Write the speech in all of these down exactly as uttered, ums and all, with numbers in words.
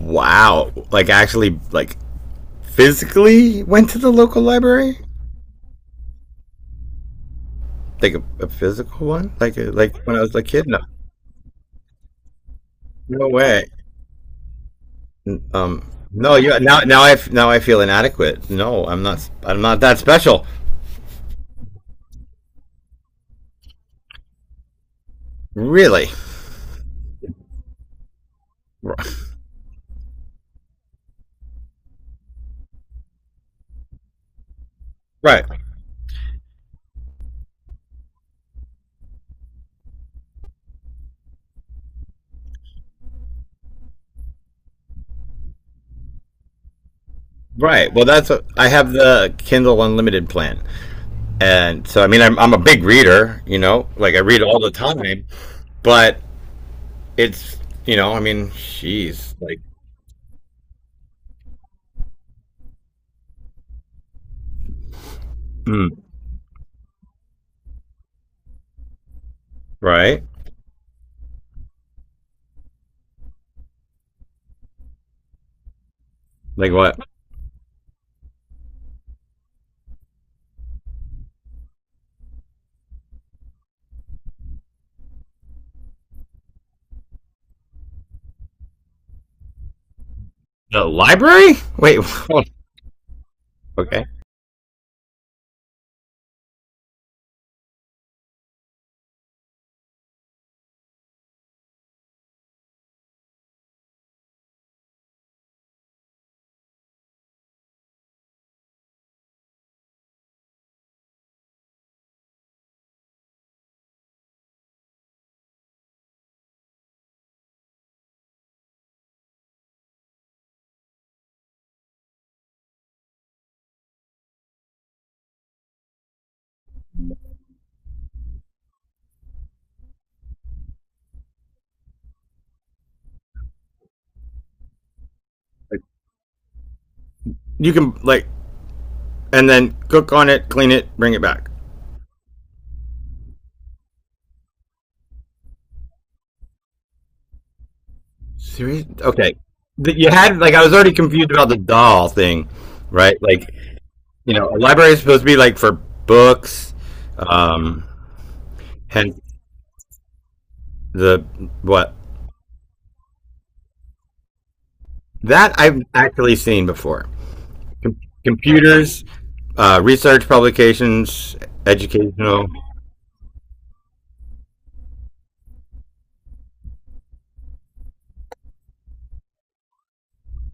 Wow. Like actually like physically went to the local library? Like a, a physical one? Like a, like when I was a kid? No. No way. Um no, you now now I f- now I feel inadequate. No, I'm not I'm not that special. Really? Right. Right. Well, that's what, I have the Kindle Unlimited plan. And so I mean I'm I'm a big reader, you know? Like I read all the time, but it's, you know, I mean, jeez, like mm, right? Like what? The library? Wait, hold on. Okay. You can like, and then cook on it, clean it, bring it back. Seriously? Okay. You had like I was already confused about the doll thing, right? Like, you know, a library is supposed to be like for books, um, hence the what that I've actually seen before. Com- computers, uh, research publications, educational.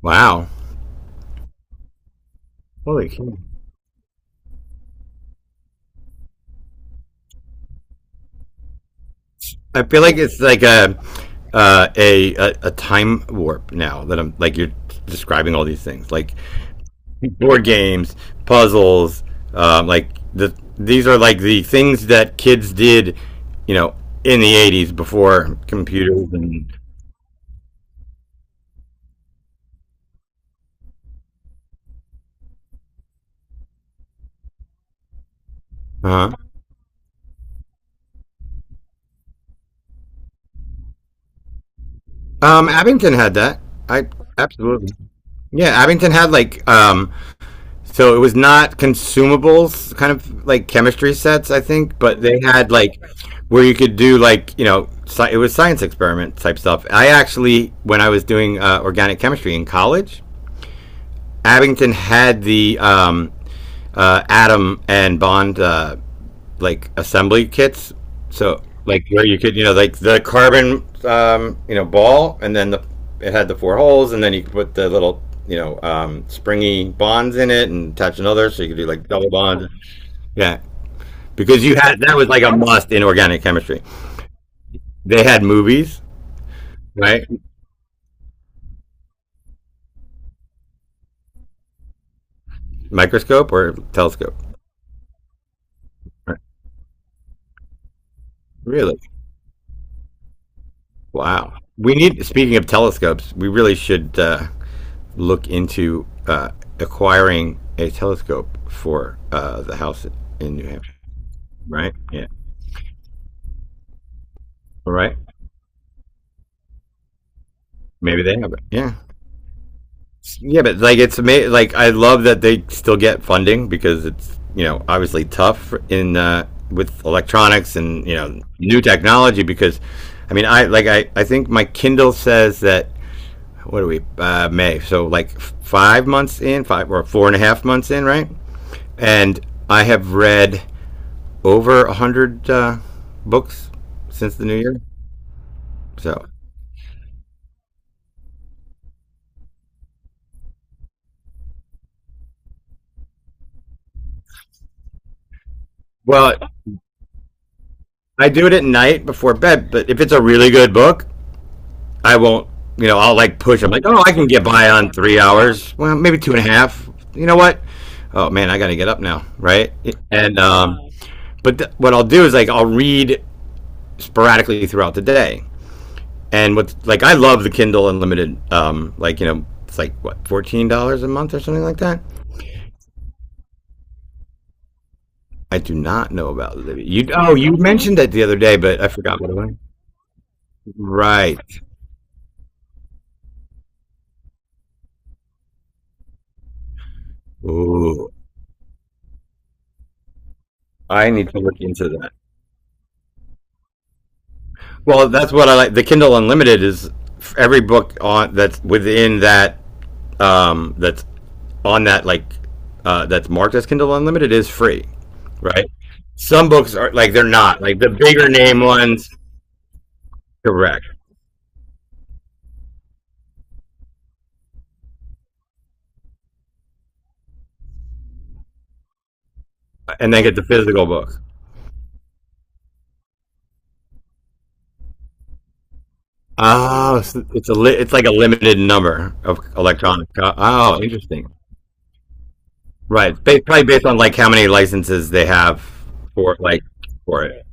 Wow. Holy cow. I feel like it's like a uh, a, a a time warp now that I'm like you're describing all these things like board games, puzzles, um, like the these are like the things that kids did, you know, in the eighties before computers and. Uh-huh. Um, Abington had that. I absolutely. Yeah, Abington had like, um, so it was not consumables, kind of like chemistry sets, I think, but they had like where you could do like, you know sci- it was science experiment type stuff. I actually, when I was doing uh, organic chemistry in college, Abington had the um, uh, atom and bond uh, like assembly kits. So like where you could, you know like the carbon, um, you know ball, and then the it had the four holes, and then you put the little, you know um, springy bonds in it and attach another, so you could do like double bond. Yeah, because you had that was like a must in organic chemistry. They had movies, right? Microscope or telescope? Really? Wow. We need. Speaking of telescopes, we really should uh, look into uh, acquiring a telescope for uh, the house in New Hampshire, right? Yeah. All right. Maybe they have it. Yeah. Yeah, but like it's amazing. Like I love that they still get funding because it's, you know obviously tough in, uh, with electronics and, you know new technology because I mean, I like I I think my Kindle says that what are we, uh, May, so like five months in five or four and a half months in, right, and I have read over a hundred uh, books since the new year. So, well, I do it at night before bed. But if it's a really good book, I won't. You know, I'll like push. I'm like, oh, I can get by on three hours. Well, maybe two and a half. You know what? Oh man, I got to get up now, right? And, um, but th- what I'll do is like I'll read sporadically throughout the day. And what's like I love the Kindle Unlimited. Um, like, you know, it's like what, fourteen dollars a month or something like that. I do not know about Libby. You oh, you mentioned that the other day, but I forgot what it was. Right. Ooh, I need to look into that. Well, that's what I like. The Kindle Unlimited is every book on that's within that, um that's on that, like, uh that's marked as Kindle Unlimited is free, right? Some books are like they're not like the bigger name ones, correct? And then get the physical book. Oh, so it's a li- it's like a limited number of electronic. co- Oh, interesting. Right. Ba- probably based on like how many licenses they have for like for it.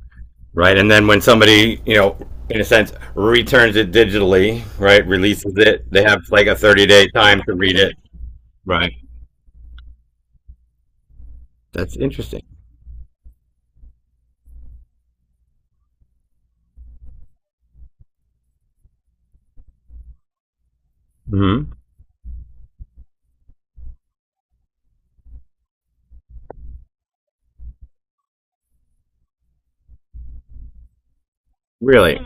Right. And then when somebody, you know, in a sense, returns it digitally, right, releases it, they have like a thirty day time to read it. Right. That's interesting. Hmm. Really?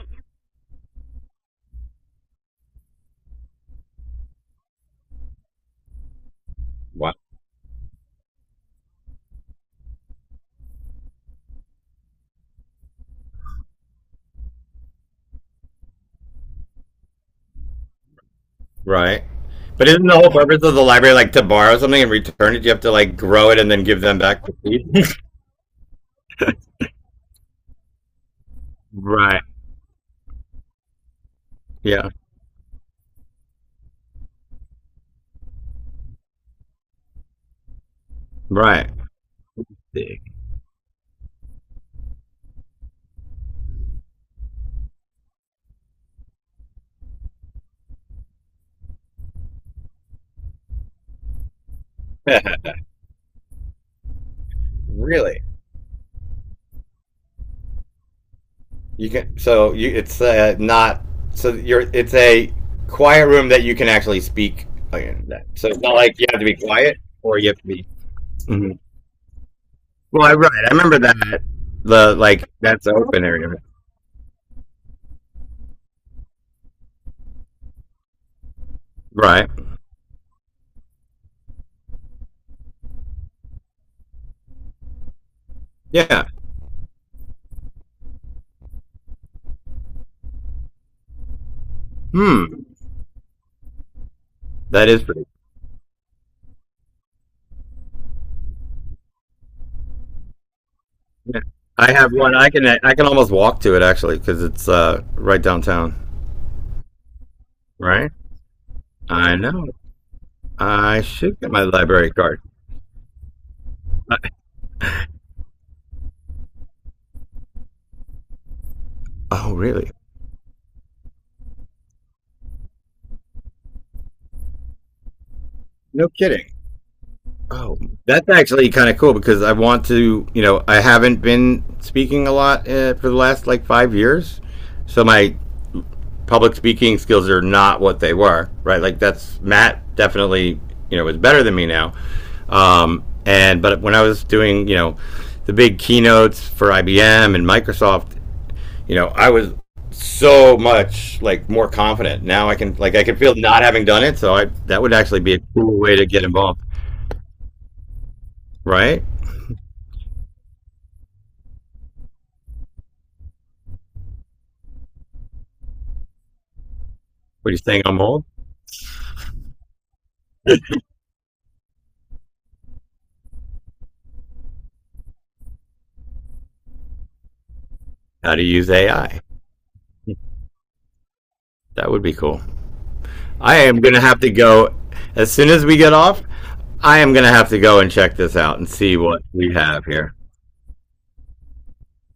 Wow. Right. But isn't the whole purpose of the library like to borrow something and return it? You have to like grow it and then give them back the seed? Right. Yeah. Right. Really? You can so you it's, uh, not. So you're it's a quiet room that you can actually speak in. So it's not like you have to be quiet or you have to be. Mhm. Well, I, right. I remember that, the like that's the open area. Right. Yeah. Hmm. That is pretty. Yeah. I have one. I can I can almost walk to it actually because it's uh right downtown. Right. I know. I should get my library card. I, oh, really? No kidding. Oh, that's actually kind of cool because I want to, you know, I haven't been speaking a lot, uh, for the last like five years, so my public speaking skills are not what they were, right? Like that's Matt, definitely, you know, is better than me now. Um, and but when I was doing, you know, the big keynotes for I B M and Microsoft, you know, I was so much like more confident now. I can like I can feel not having done it, so I that would actually be a cool way to get involved, right? What are you saying? I'm old. How to use A I. That would be cool. I am going to have to go as soon as we get off. I am going to have to go and check this out and see what we have here.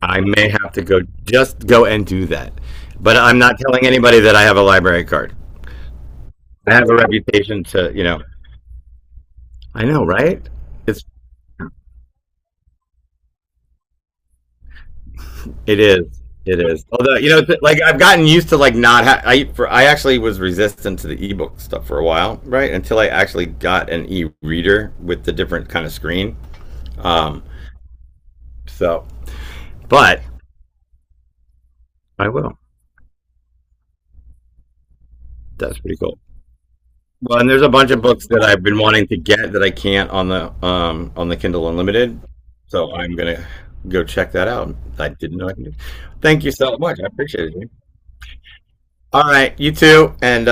I may have to go just go and do that. But I'm not telling anybody that I have a library card. I have a reputation to, you know, I know, right? It's it is. It is. Although, you know, like I've gotten used to like not ha- I for I actually was resistant to the ebook stuff for a while, right? Until I actually got an e-reader with the different kind of screen. Um So, but I will. That's pretty cool. Well, and there's a bunch of books that I've been wanting to get that I can't on the um on the Kindle Unlimited. So I'm gonna go check that out. I didn't know I could. do- Thank you so much. I appreciate it. All right, you too, and Uh,